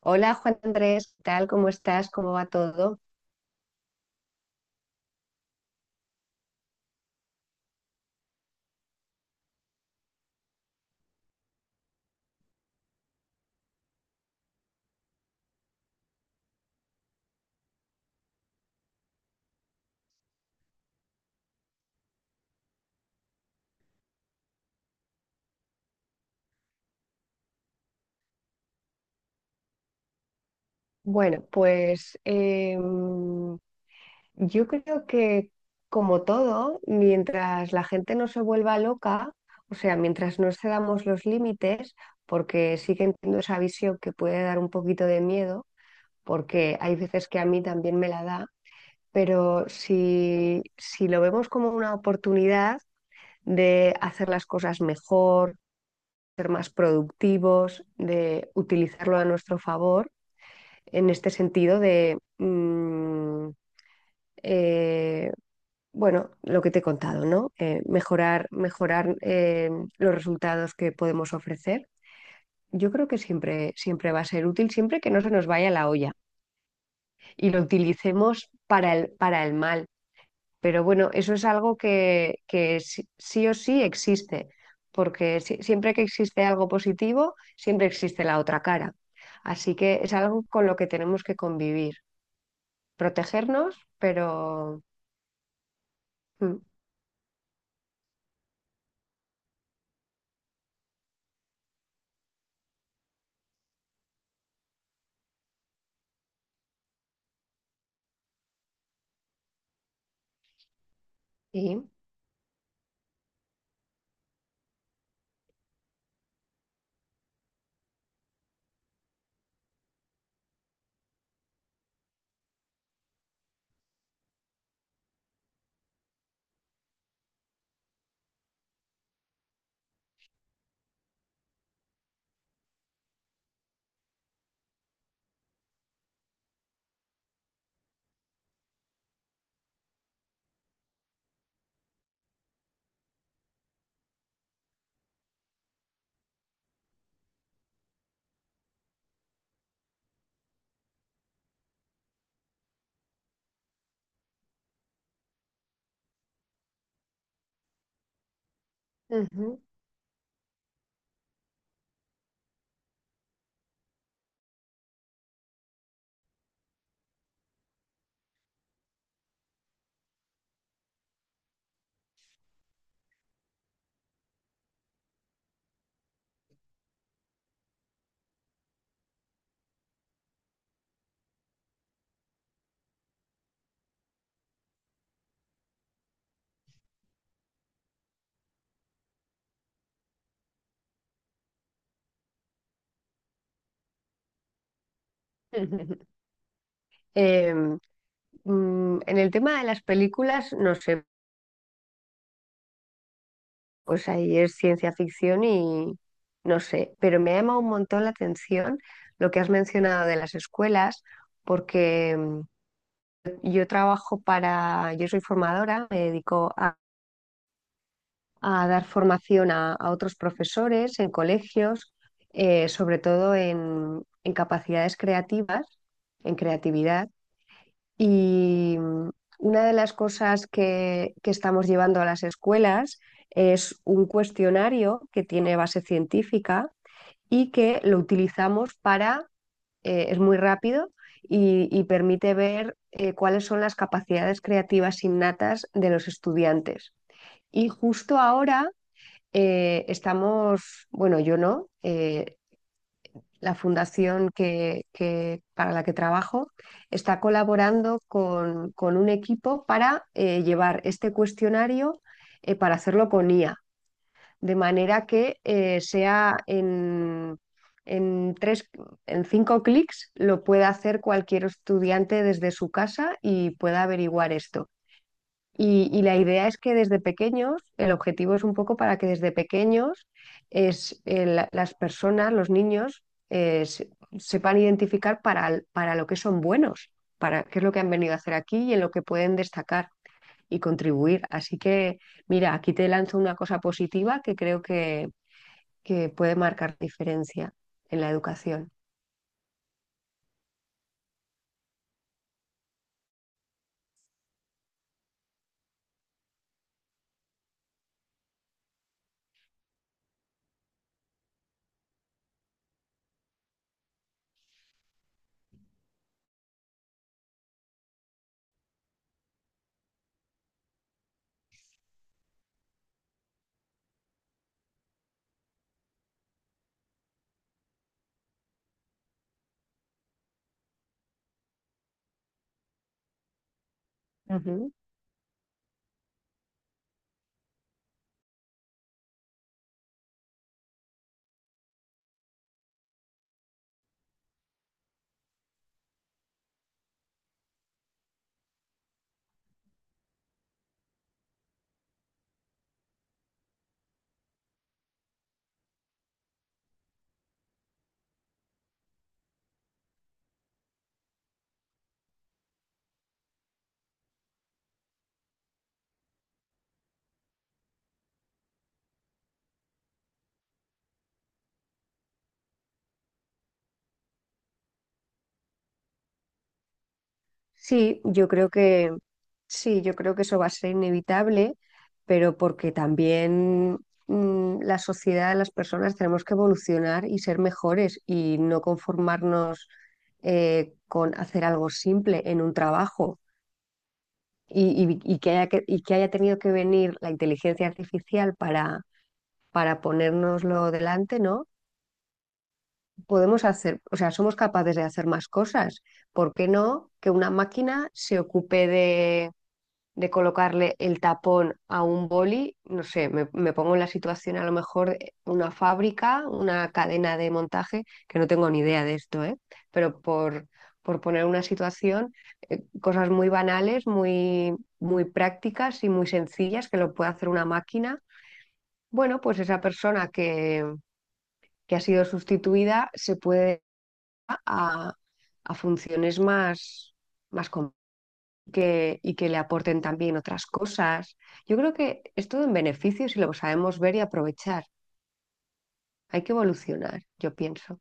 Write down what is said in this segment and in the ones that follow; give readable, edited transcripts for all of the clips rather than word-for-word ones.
Hola Juan Andrés, ¿qué tal? ¿Cómo estás? ¿Cómo va todo? Bueno, pues yo creo que como todo, mientras la gente no se vuelva loca, o sea, mientras no cedamos los límites, porque sí que entiendo esa visión que puede dar un poquito de miedo, porque hay veces que a mí también me la da, pero si lo vemos como una oportunidad de hacer las cosas mejor, ser más productivos, de utilizarlo a nuestro favor, en este sentido de, eh, bueno, lo que te he contado, ¿no? Mejorar, mejorar, los resultados que podemos ofrecer. Yo creo que siempre, siempre va a ser útil, siempre que no se nos vaya la olla y lo utilicemos para para el mal. Pero bueno, eso es algo que sí, sí o sí existe, porque siempre que existe algo positivo, siempre existe la otra cara. Así que es algo con lo que tenemos que convivir, protegernos, pero mm, Y... ujú. Em, en el tema de las películas, no sé, pues ahí es ciencia ficción y no sé, pero me ha llamado un montón la atención lo que has mencionado de las escuelas, porque yo trabajo para, yo soy formadora, me dedico a dar formación a otros profesores en colegios, sobre todo en capacidades creativas, en creatividad. Y una de las cosas que estamos llevando a las escuelas es un cuestionario que tiene base científica y que lo utilizamos para es muy rápido y permite ver cuáles son las capacidades creativas innatas de los estudiantes. Y justo ahora estamos, bueno, yo no, la fundación que, para la que trabajo está colaborando con un equipo para llevar este cuestionario para hacerlo con IA de manera que sea en, tres, en cinco clics lo pueda hacer cualquier estudiante desde su casa y pueda averiguar esto. Y la idea es que desde pequeños, el objetivo es un poco para que desde pequeños es, las personas, los niños, eh, se- sepan identificar para lo que son buenos, para qué es lo que han venido a hacer aquí y en lo que pueden destacar y contribuir. Así que, mira, aquí te lanzo una cosa positiva que creo que puede marcar diferencia en la educación. Ujú. Sí, yo creo que sí, yo creo que eso va a ser inevitable, pero porque también la sociedad, las personas tenemos que evolucionar y ser mejores y no conformarnos con hacer algo simple en un trabajo y, y que y que haya tenido que venir la inteligencia artificial para ponérnoslo delante, ¿no? Podemos hacer, o sea, somos capaces de hacer más cosas. ¿Por qué no que una máquina se ocupe de colocarle el tapón a un boli? No sé, me pongo en la situación a lo mejor una fábrica, una cadena de montaje, que no tengo ni idea de esto, ¿eh? Pero por poner una situación, cosas muy banales, muy, muy prácticas y muy sencillas que lo puede hacer una máquina. Bueno, pues esa persona que ha sido sustituida se puede a, a funciones más, más com- que, y que le aporten también otras cosas. Yo creo que es todo en beneficio si lo sabemos ver y aprovechar. Hay que evolucionar, yo pienso.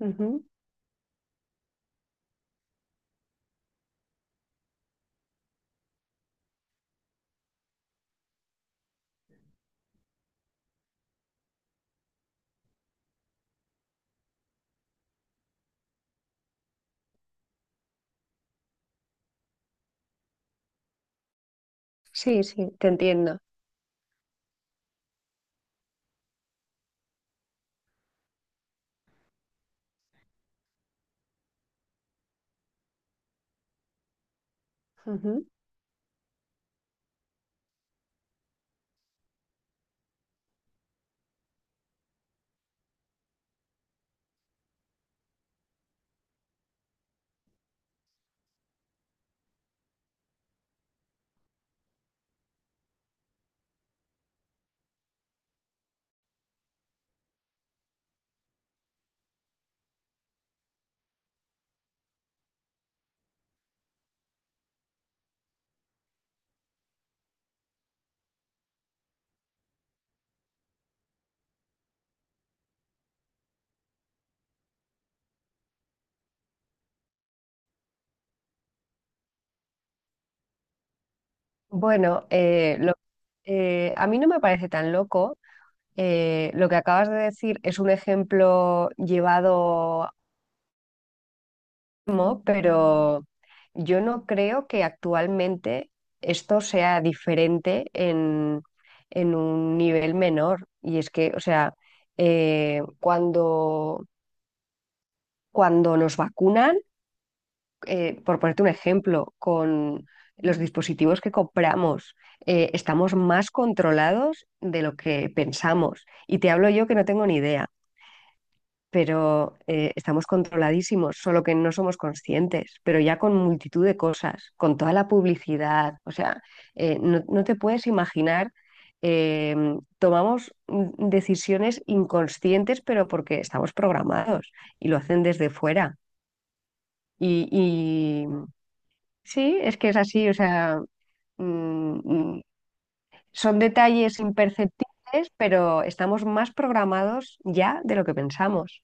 Ujú. Sí, sí, te entiendo. Ujú. Bueno, a mí no me parece tan loco. Lo que acabas de decir es un ejemplo llevado mismo, pero yo no creo que actualmente esto sea diferente en un nivel menor. Y es que, o sea, eh, cuando, cuando nos vacunan, por ponerte un ejemplo, con los dispositivos que compramos, estamos más controlados de lo que pensamos. Y te hablo yo que no tengo ni idea. Pero estamos controladísimos, solo que no somos conscientes, pero ya con multitud de cosas, con toda la publicidad, o sea, no te puedes imaginar, eh, tomamos decisiones inconscientes, pero porque estamos programados y lo hacen desde fuera. Y sí, es que es así, o sea, mm, mm, son detalles imperceptibles, pero estamos más programados ya de lo que pensamos.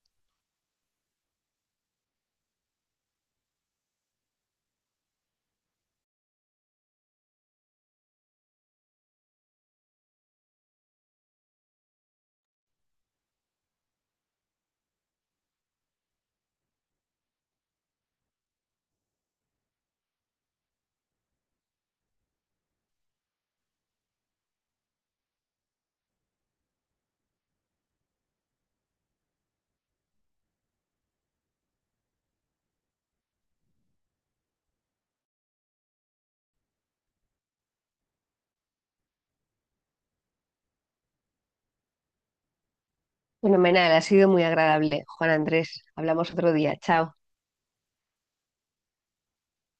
Fenomenal, ha sido muy agradable. Juan Andrés, hablamos otro día. Chao.